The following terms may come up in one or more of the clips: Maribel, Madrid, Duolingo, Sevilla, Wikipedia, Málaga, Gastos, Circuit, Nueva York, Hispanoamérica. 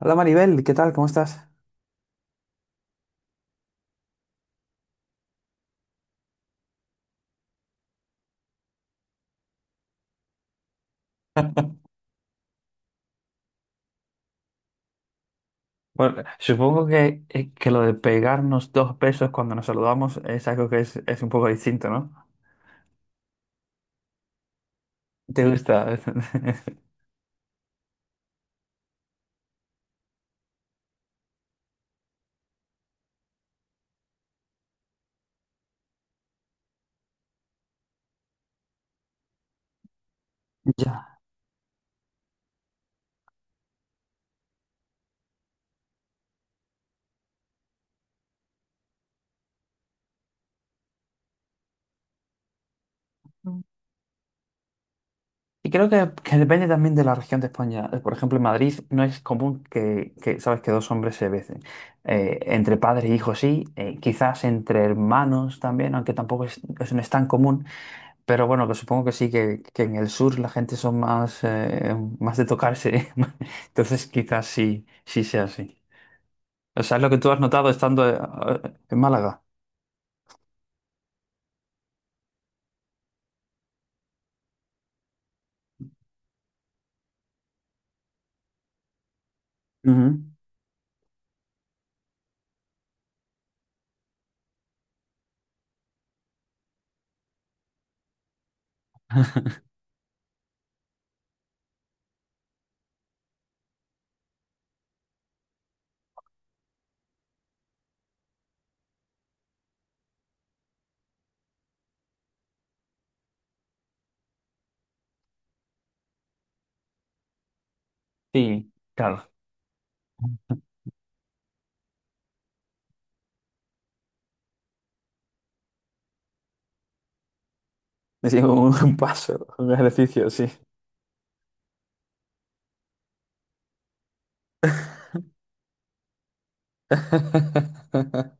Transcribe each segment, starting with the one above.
Hola Maribel, ¿qué tal? ¿Cómo estás? Bueno, supongo que lo de pegarnos dos besos cuando nos saludamos es algo que es un poco distinto, ¿no? ¿Te gusta? Ya. Mm. Y creo que depende también de la región de España. Por ejemplo, en Madrid no es común que, sabes, que dos hombres se besen. Entre padres e hijos sí, quizás entre hermanos también, aunque tampoco eso no es tan común. Pero bueno, que supongo que sí, que en el sur la gente son más, más de tocarse. Entonces quizás sí, sí sea así. O sea, es lo que tú has notado estando en Málaga. Ujú. Sí, claro. Es un paso, un ejercicio, sí.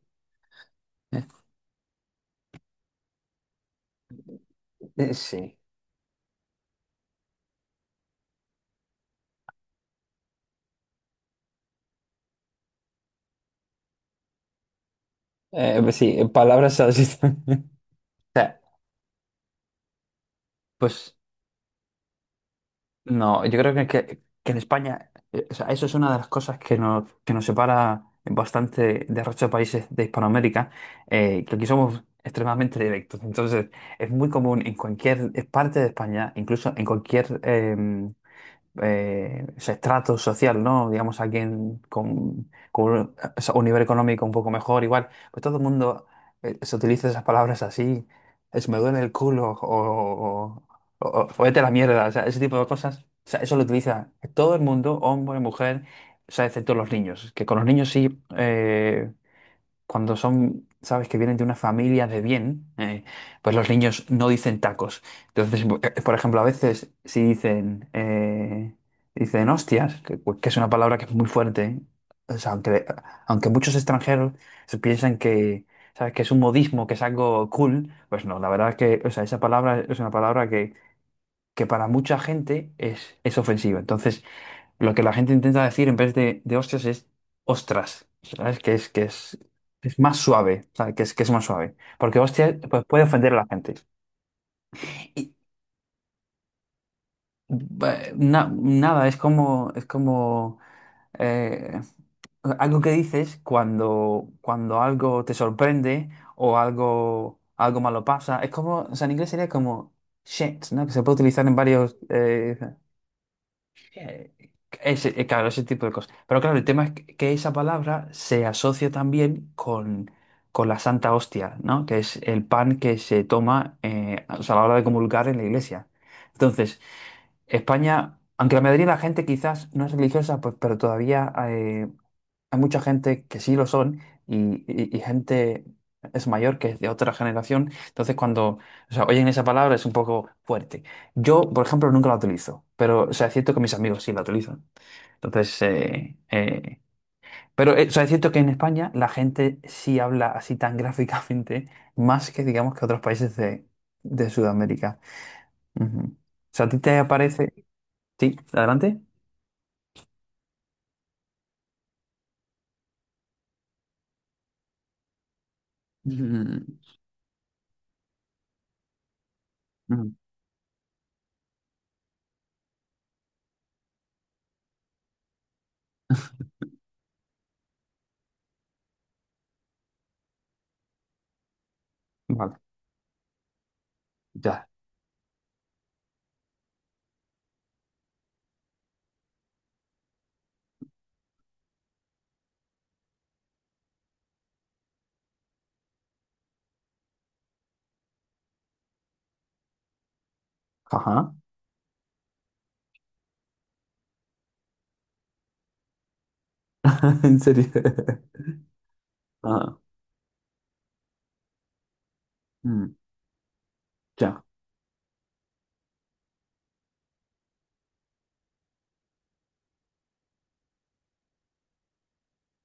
Sí. Pues sí, en palabras así también. O sea, pues. No, yo creo que en España, o sea, eso es una de las cosas que nos separa bastante del resto de países de Hispanoamérica, que aquí somos extremadamente directos. Entonces, es muy común en cualquier parte de España, incluso en cualquier ese estrato social, ¿no? Digamos, alguien con un, o sea, un nivel económico un poco mejor, igual, pues todo el mundo se utiliza esas palabras así, es me duele el culo o vete a la mierda, o sea, ese tipo de cosas, o sea, eso lo utiliza todo el mundo, hombre, mujer, o sea, excepto los niños, que con los niños sí, cuando son, sabes, que vienen de una familia de bien, pues los niños no dicen tacos. Entonces, por ejemplo, a veces si dicen hostias, que es una palabra que es muy fuerte, ¿eh? O sea, aunque muchos extranjeros se piensan que, sabes, que es un modismo, que es algo cool, pues no, la verdad es que, o sea, esa palabra es una palabra que para mucha gente es ofensiva. Entonces, lo que la gente intenta decir en vez de hostias es ostras, ¿sabes? Que es más suave, ¿sabes? Que es más suave. Porque hostias pues, puede ofender a la gente. Y, nada, es como eh, algo que dices cuando algo te sorprende o algo malo pasa. Es como, o sea, en inglés sería como shit, ¿no? Que se puede utilizar en varios. Eh, claro, ese tipo de cosas. Pero claro, el tema es que esa palabra se asocia también con la Santa Hostia, ¿no? Que es el pan que se toma o sea, a la hora de comulgar en la iglesia. Entonces, España, aunque la mayoría de la gente quizás no es religiosa, pues, pero todavía hay mucha gente que sí lo son y gente es mayor que es de otra generación. Entonces, cuando o sea, oyen esa palabra es un poco fuerte. Yo, por ejemplo, nunca la utilizo, pero o sea, es cierto que mis amigos sí la utilizan. Entonces, pero o sea, es cierto que en España la gente sí habla así tan gráficamente, más que digamos que otros países de Sudamérica. Ujú. O sea, ¿a ti te aparece? Sí, adelante. Mm, mm, vale, ya. Ajá. En serio. Ah, mm, ya.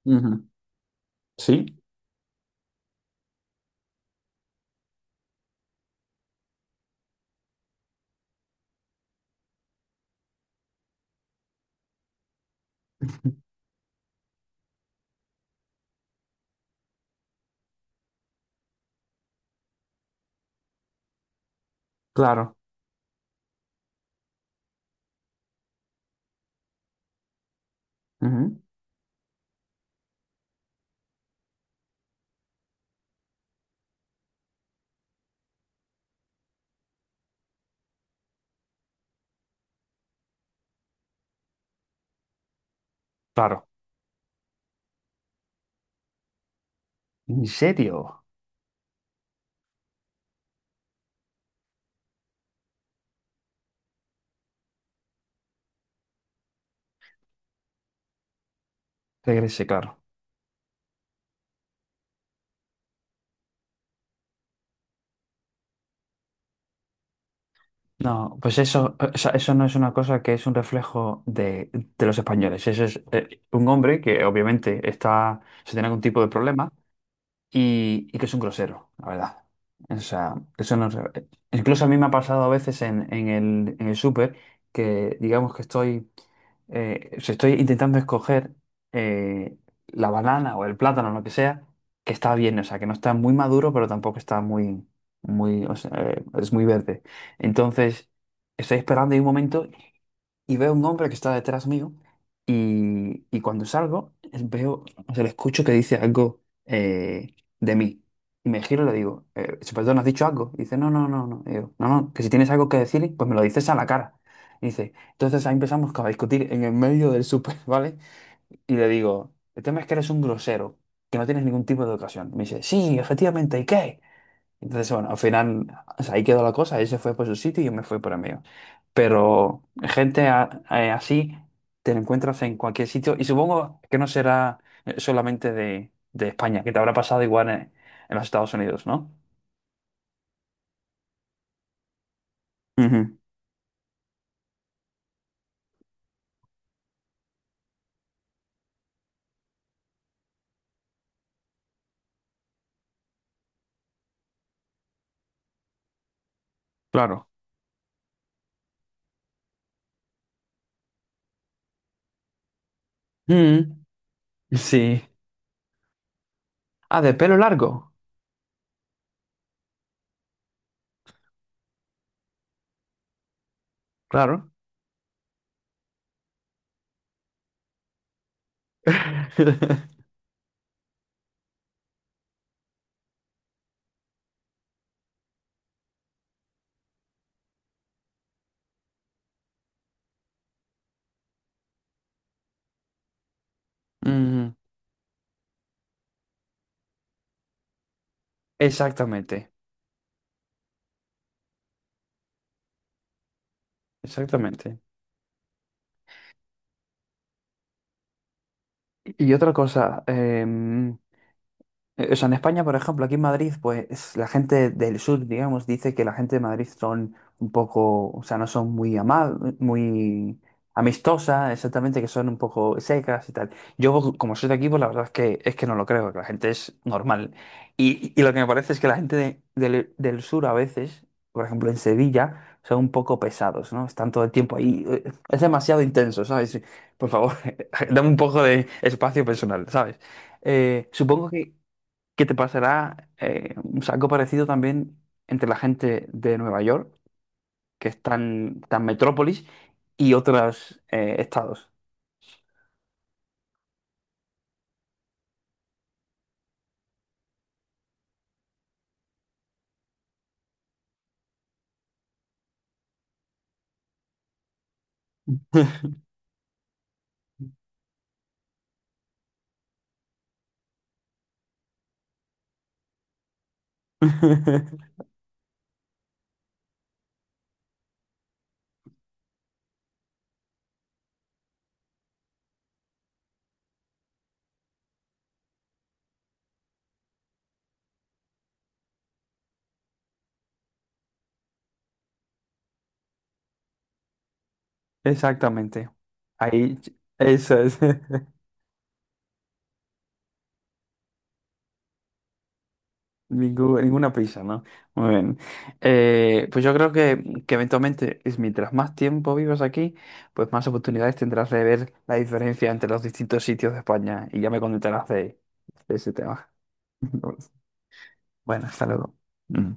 Ujú. Sí, claro. Ujú. Claro. ¿En serio? Regrese, claro. No, pues eso, o sea, eso no es una cosa que es un reflejo de los españoles. Eso es un hombre que obviamente se tiene algún tipo de problema y que es un grosero, la verdad. O sea, eso no, incluso a mí me ha pasado a veces en el súper que digamos que estoy, o sea, estoy intentando escoger eh, la banana o el plátano, lo que sea, que está bien, o sea, que no está muy maduro, pero tampoco está muy, muy, o sea, es muy verde. Entonces, estoy esperando y hay un momento y veo un hombre que está detrás mío y cuando salgo veo, o sea, le escucho que dice algo de mí. Y me giro y le digo, perdón, ¿has dicho algo? Y dice, no, no, no, no. Y digo, no, no, que si tienes algo que decir, pues me lo dices a la cara. Y dice, entonces ahí empezamos a discutir en el medio del súper, ¿vale? Y le digo, el tema es que eres un grosero, que no tienes ningún tipo de educación. Me dice, sí, efectivamente, ¿y qué? Entonces, bueno, al final, o sea, ahí quedó la cosa, él se fue por su sitio y yo me fui por el mío. Pero gente así te la encuentras en cualquier sitio y supongo que no será solamente de España, que te habrá pasado igual en los Estados Unidos, ¿no? Ujú. Claro. Mm, sí. Ah, de pelo largo. Claro. Mm, exactamente, exactamente. Y otra cosa, o sea, en España, por ejemplo, aquí en Madrid, pues la gente del sur, digamos, dice que la gente de Madrid son un poco, o sea, no son muy amables, muy amistosas, exactamente, que son un poco secas y tal. Yo, como soy de aquí, pues la verdad es que no lo creo, que la gente es normal. Y lo que me parece es que la gente del sur a veces, por ejemplo, en Sevilla, son un poco pesados, ¿no? Están todo el tiempo ahí. Es demasiado intenso, ¿sabes? Por favor, dame un poco de espacio personal, ¿sabes? Supongo que te pasará un saco parecido también entre la gente de Nueva York, que es tan, tan metrópolis, y otros estados. Exactamente. Ahí, eso es. Ninguna prisa, ¿no? Muy bien. Pues yo creo que eventualmente, es mientras más tiempo vivas aquí, pues más oportunidades tendrás de ver la diferencia entre los distintos sitios de España y ya me contarás de ese tema. Bueno, hasta luego. Mm.